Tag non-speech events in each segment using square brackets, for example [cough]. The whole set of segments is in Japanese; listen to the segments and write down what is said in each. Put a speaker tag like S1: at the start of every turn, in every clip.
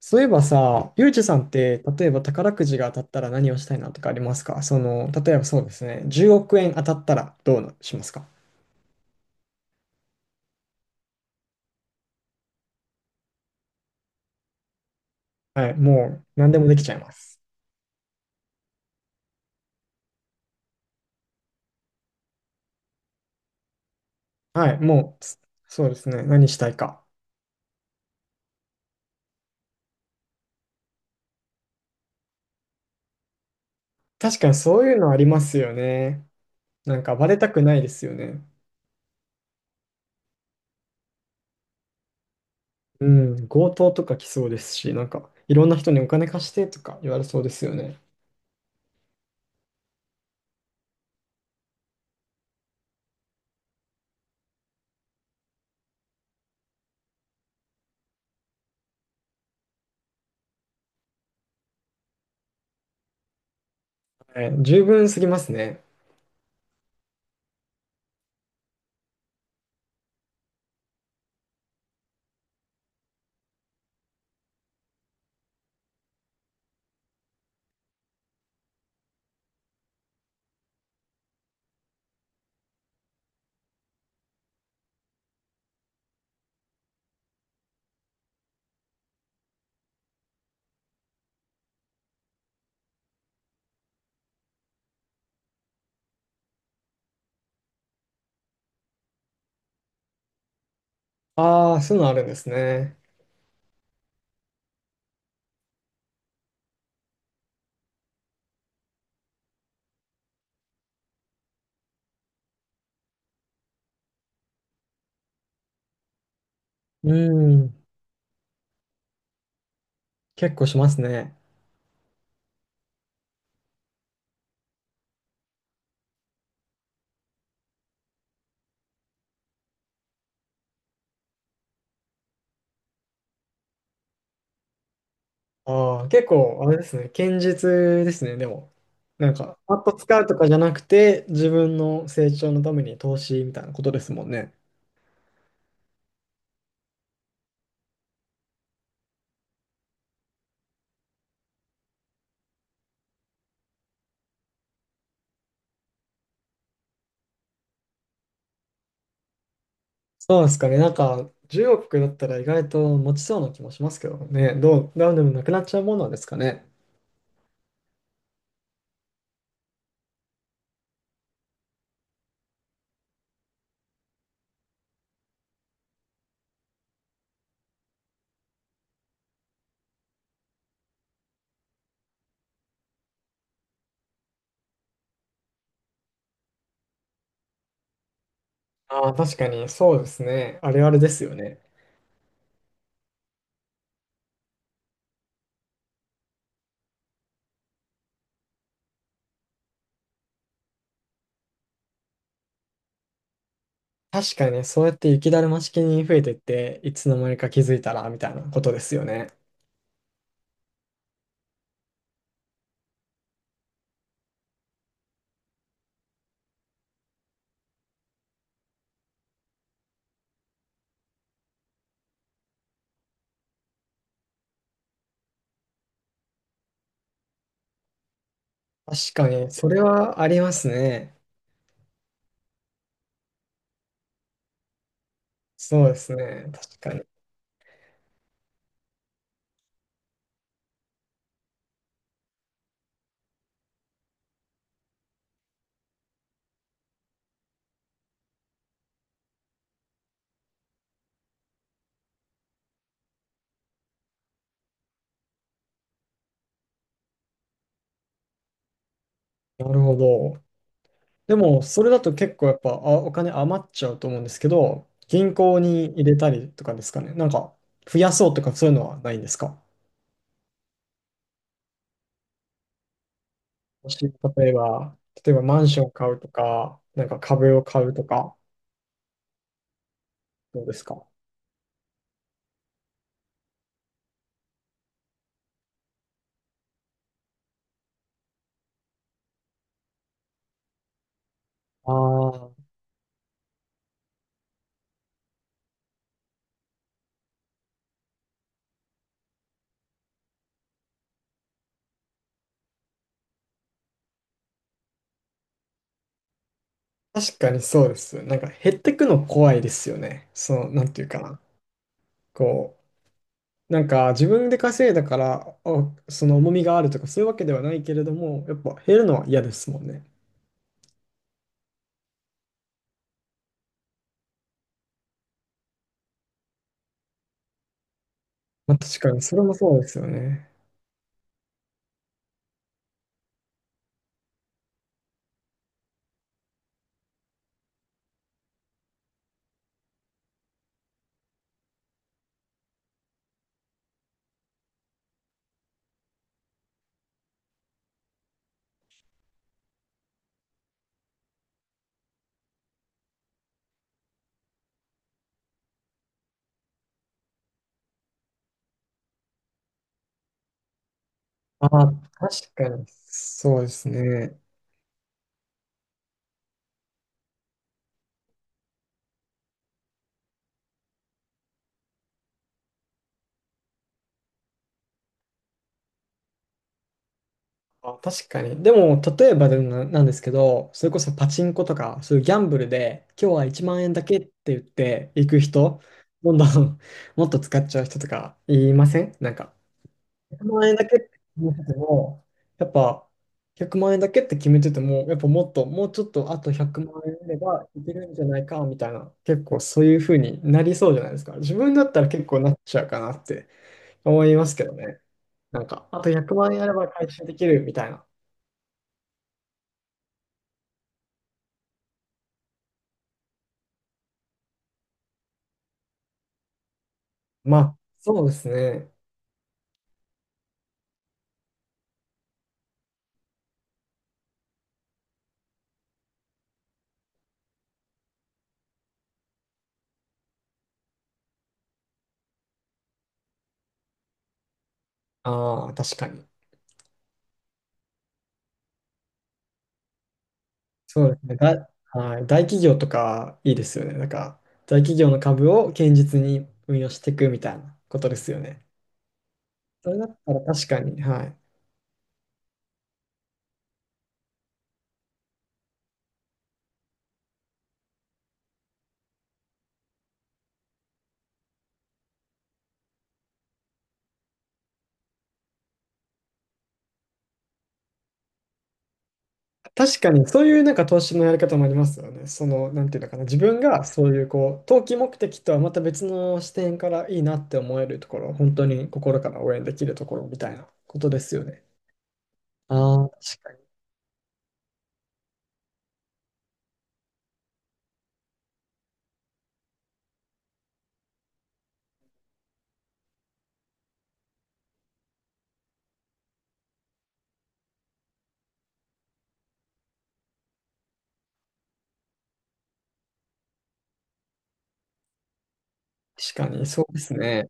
S1: そういえばさ、ゆうじさんって、例えば宝くじが当たったら何をしたいなとかありますか？例えばそうですね、10億円当たったらどうしますか？はい、もう何でもできちゃいます。はい、もう、そうですね、何したいか。確かにそういうのありますよね。なんかバレたくないですよね。うん、強盗とか来そうですし、なんかいろんな人にお金貸してとか言われそうですよね。はい、十分すぎますね。ああ、そういうのあるんですね。うん、結構しますね。ああ、結構、あれですね、堅実ですね、でも。なんか、パッと使うとかじゃなくて、自分の成長のために投資みたいなことですもんね。そうですかね、なんか、10億だったら意外と持ちそうな気もしますけどね、ダウンでもなくなっちゃうものなんですかね。ああ、確かに、そうですね、あれあれですよね。確かに、そうやって雪だるま式に増えていって、いつの間にか気づいたら、みたいなことですよね。確かに、それはありますね。そうですね、確かに。なるほど。でも、それだと結構やっぱ、お金余っちゃうと思うんですけど、銀行に入れたりとかですかね。なんか、増やそうとかそういうのはないんですか？もし、例えば、マンション買うとか、なんか株を買うとか、どうですか？ああ、確かにそうです。なんか減ってくの怖いですよね。その、なんていうかな。こう、なんか自分で稼いだから、その重みがあるとかそういうわけではないけれども、やっぱ減るのは嫌ですもんね。まあ確かに、それもそうですよね。ああ、確かに、そうですね。あ、確かに。でも、例えばでもなんですけど、それこそパチンコとか、そういうギャンブルで、今日は1万円だけって言って行く人、どんどん [laughs] もっと使っちゃう人とかいません？なんか、100万円だけって決めてても、やっぱ、100万円だけって決めてても、やっぱもっと、もうちょっとあと100万円あればいけるんじゃないか、みたいな、結構そういう風になりそうじゃないですか。自分だったら結構なっちゃうかなって思いますけどね。なんか、あと100万円あれば回収できるみたいな。まあ、そうですね。ああ、確かに。そうですね。はい、大企業とかいいですよね。なんか、大企業の株を堅実に運用していくみたいなことですよね。それだったら確かに、はい。確かに、そういうなんか投資のやり方もありますよね。その、なんていうのかな。自分がそういう、こう、投機目的とはまた別の視点からいいなって思えるところ、本当に心から応援できるところみたいなことですよね。ああ、確かに。確かに、そうですね。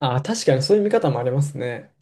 S1: あ、確かにそういう見方もありますね。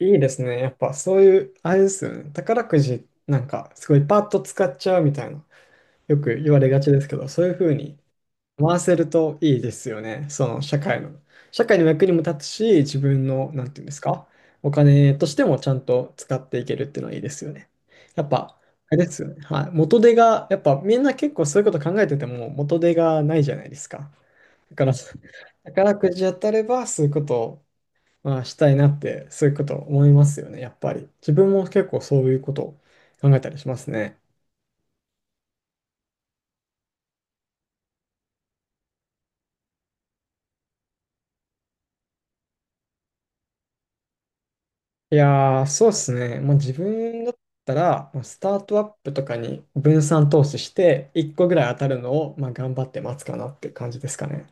S1: いいですね。やっぱそういう、あれですよね。宝くじなんかすごいパッと使っちゃうみたいな、よく言われがちですけど、そういうふうに回せるといいですよね。その社会の。社会の役にも立つし、自分の、なんていうんですか、お金としてもちゃんと使っていけるっていうのはいいですよね。やっぱ、あれですよね。はい。元手が、やっぱみんな結構そういうこと考えてても元手がないじゃないですか。だから、宝くじ当たればそういうことを、まあ、したいなって、そういうこと思いますよね、やっぱり。自分も結構そういうことを考えたりしますね。いやー、そうですね。もう自分だったら、もうスタートアップとかに分散投資して、1個ぐらい当たるのを、まあ、頑張って待つかなっていう感じですかね。